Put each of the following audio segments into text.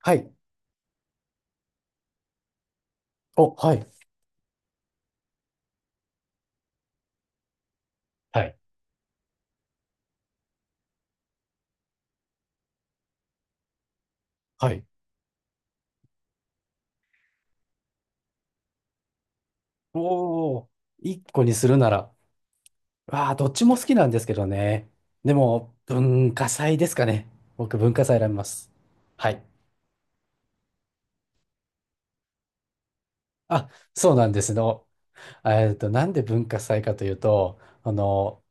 はい。お、はい。はい。はい。おお、一個にするなら、ああ、どっちも好きなんですけどね。でも、文化祭ですかね。僕、文化祭選びます。はい。あ、そうなんですの。なんで文化祭かというと、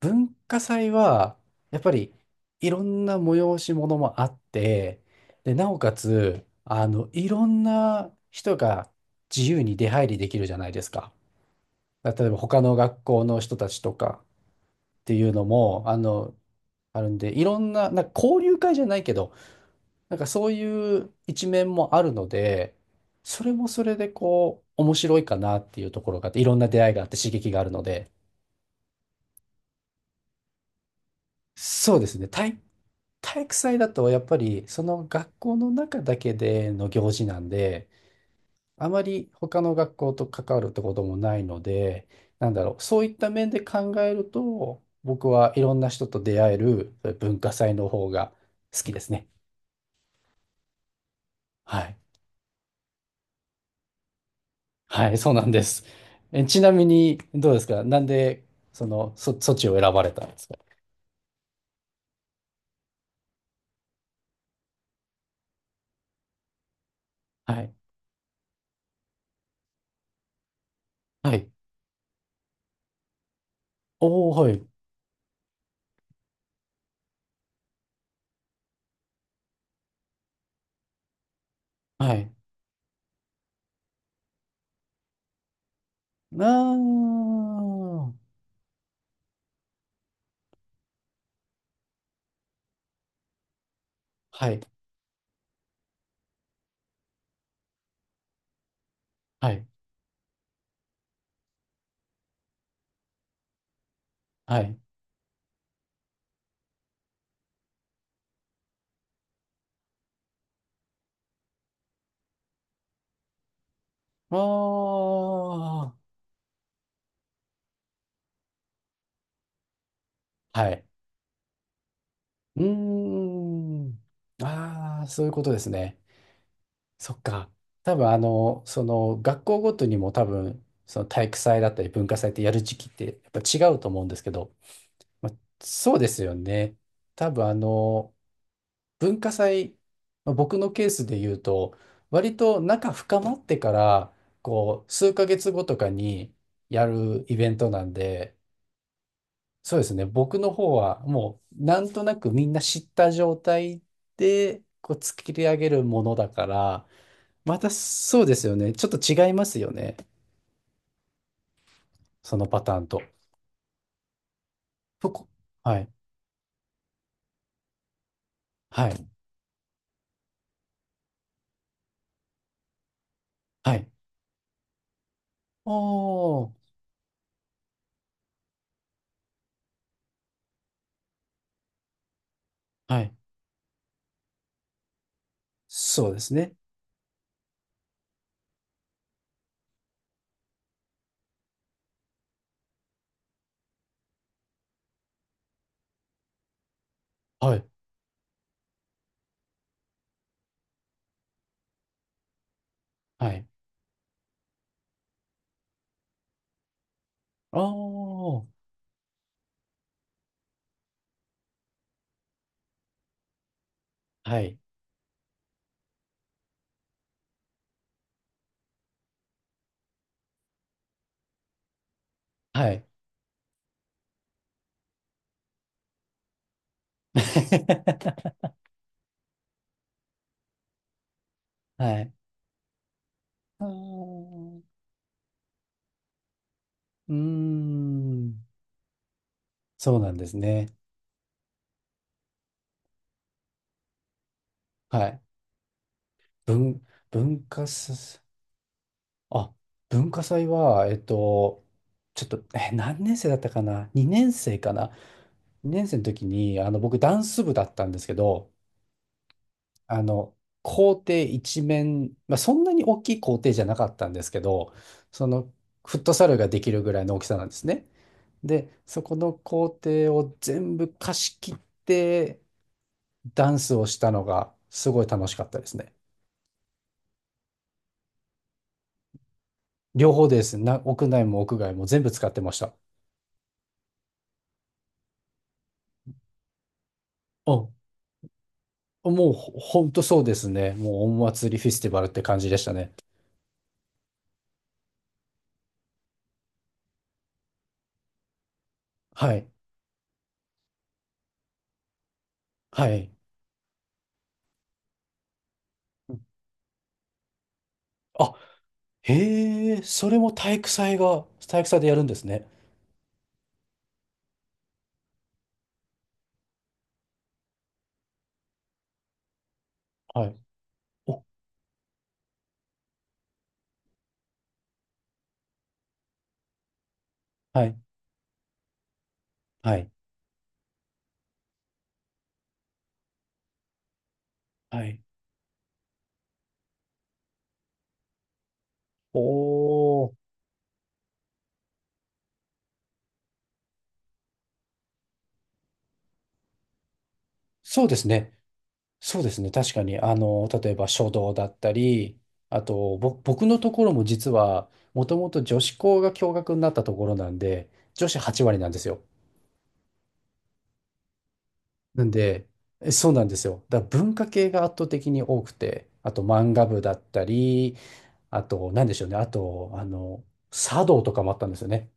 文化祭は、やっぱり、いろんな催し物もあって、で、なおかつ、いろんな人が自由に出入りできるじゃないですか。例えば他の学校の人たちとかっていうのも、あるんで、いろんな、なんか交流会じゃないけど、なんかそういう一面もあるので、それもそれでこう、面白いかなっていうところがあって、いろんな出会いがあって刺激があるので、そうですね。体育祭だとやっぱりその学校の中だけでの行事なんで、あまり他の学校と関わるってこともないので、なんだろう、そういった面で考えると、僕はいろんな人と出会えるそういう文化祭の方が好きですね。はい。はい、そうなんです。え、ちなみに、どうですかなんで、そっちを選ばれたんですか？はい。はい。おー、はい。はい。あー。はい。はい。はい。あー。はい。うーん。ああ、そういうことですね。そっか。多分その学校ごとにも多分、その体育祭だったり文化祭ってやる時期ってやっぱ違うと思うんですけど、そうですよね。多分文化祭、まあ僕のケースで言うと、割と仲深まってから、こう、数ヶ月後とかにやるイベントなんで、そうですね、僕の方はもう、なんとなくみんな知った状態で、こう、作り上げるものだから、またそうですよね。ちょっと違いますよね。そのパターンと。そこ。はい。はい。はい。おー。はい。そうですね。はい。はい。おー。はい。はい。はい。あーうーん。そうなんですね。はい。文、文化祭、あ、文化祭は、ちょっと、え、何年生だったかな？ 2 年生かな？ 2 年生の時に、僕、ダンス部だったんですけど、あの、校庭一面、まあ、そんなに大きい校庭じゃなかったんですけど、そのフットサルができるぐらいの大きさなんですね。で、そこの校庭を全部貸し切ってダンスをしたのがすごい楽しかったですね。両方です。屋内も屋外も全部使ってました。うん。もうほほんとそうですね。もうお祭りフェスティバルって感じでしたね。はい。はい。あ、へえ、それも体育祭でやるんですね。はい。はい、はい、はい。おー、そうですね。そうですね。確かに、例えば書道だったり、あと、僕のところも実は、もともと女子校が共学になったところなんで、女子8割なんですよ。なんで、えそうなんですよ。だから文化系が圧倒的に多くて、あと漫画部だったり、あと、なんでしょうね。あと、茶道とかもあったんですよね。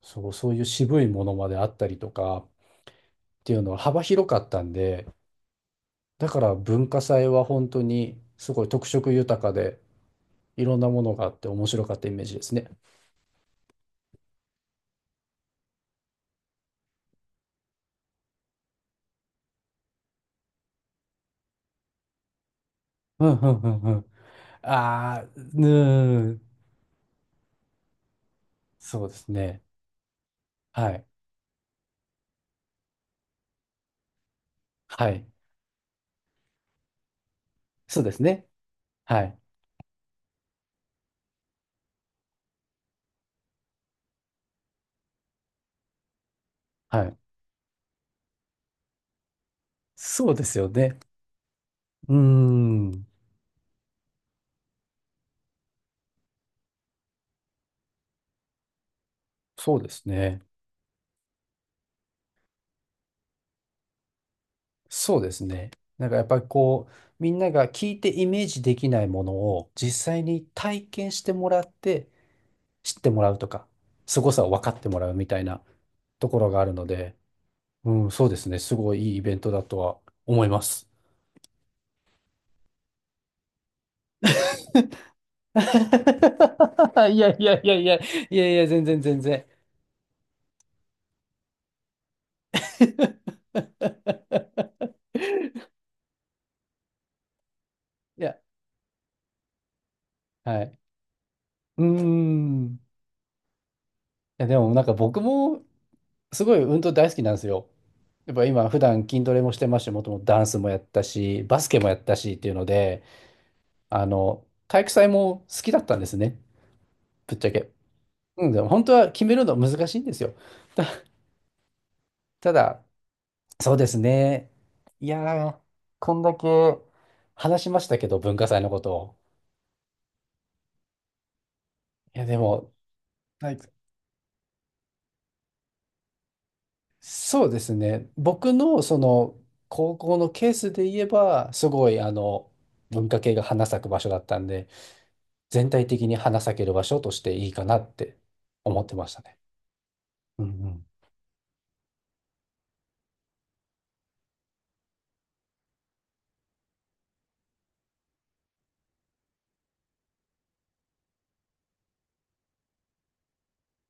そういう渋いものまであったりとかっていうのは幅広かったんで、だから文化祭は本当にすごい特色豊かでいろんなものがあって面白かったイメージですね。うんうんうんうん。ああ、うん、そうですね。はい。はい。そうですね。はい。はい。そうですよね。うーん。そうですね。そうですね。なんかやっぱりこう、みんなが聞いてイメージできないものを実際に体験してもらって知ってもらうとか、凄さを分かってもらうみたいなところがあるので、うん、そうですね。すごいいいイベントだとは思います。いやいやいやいや、いやいや、全然全然。いや、はい。うーん。いや、でもなんか僕もすごい運動大好きなんですよ。やっぱ今普段筋トレもしてますし、もともとダンスもやったし、バスケもやったしっていうので、体育祭も好きだったんですね。ぶっちゃけ。うん、でも本当は決めるの難しいんですよ。ただ、そうですね。いやー、こんだけ話しましたけど、文化祭のことを。いや、でも、はい。そうですね。僕のその高校のケースで言えば、すごい文化系が花咲く場所だったんで、全体的に花咲ける場所としていいかなって思ってましたね。うんうん。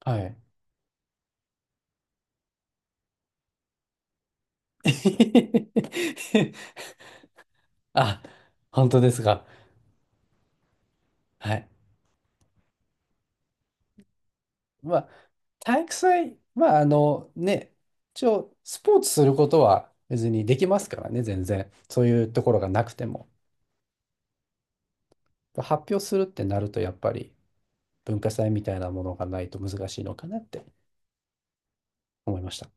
はい。あ、本当ですか。はい。まあ、体育祭、まあ、あのね、一応、スポーツすることは別にできますからね、全然。そういうところがなくても。発表するってなると、やっぱり文化祭みたいなものがないと難しいのかなって思いました。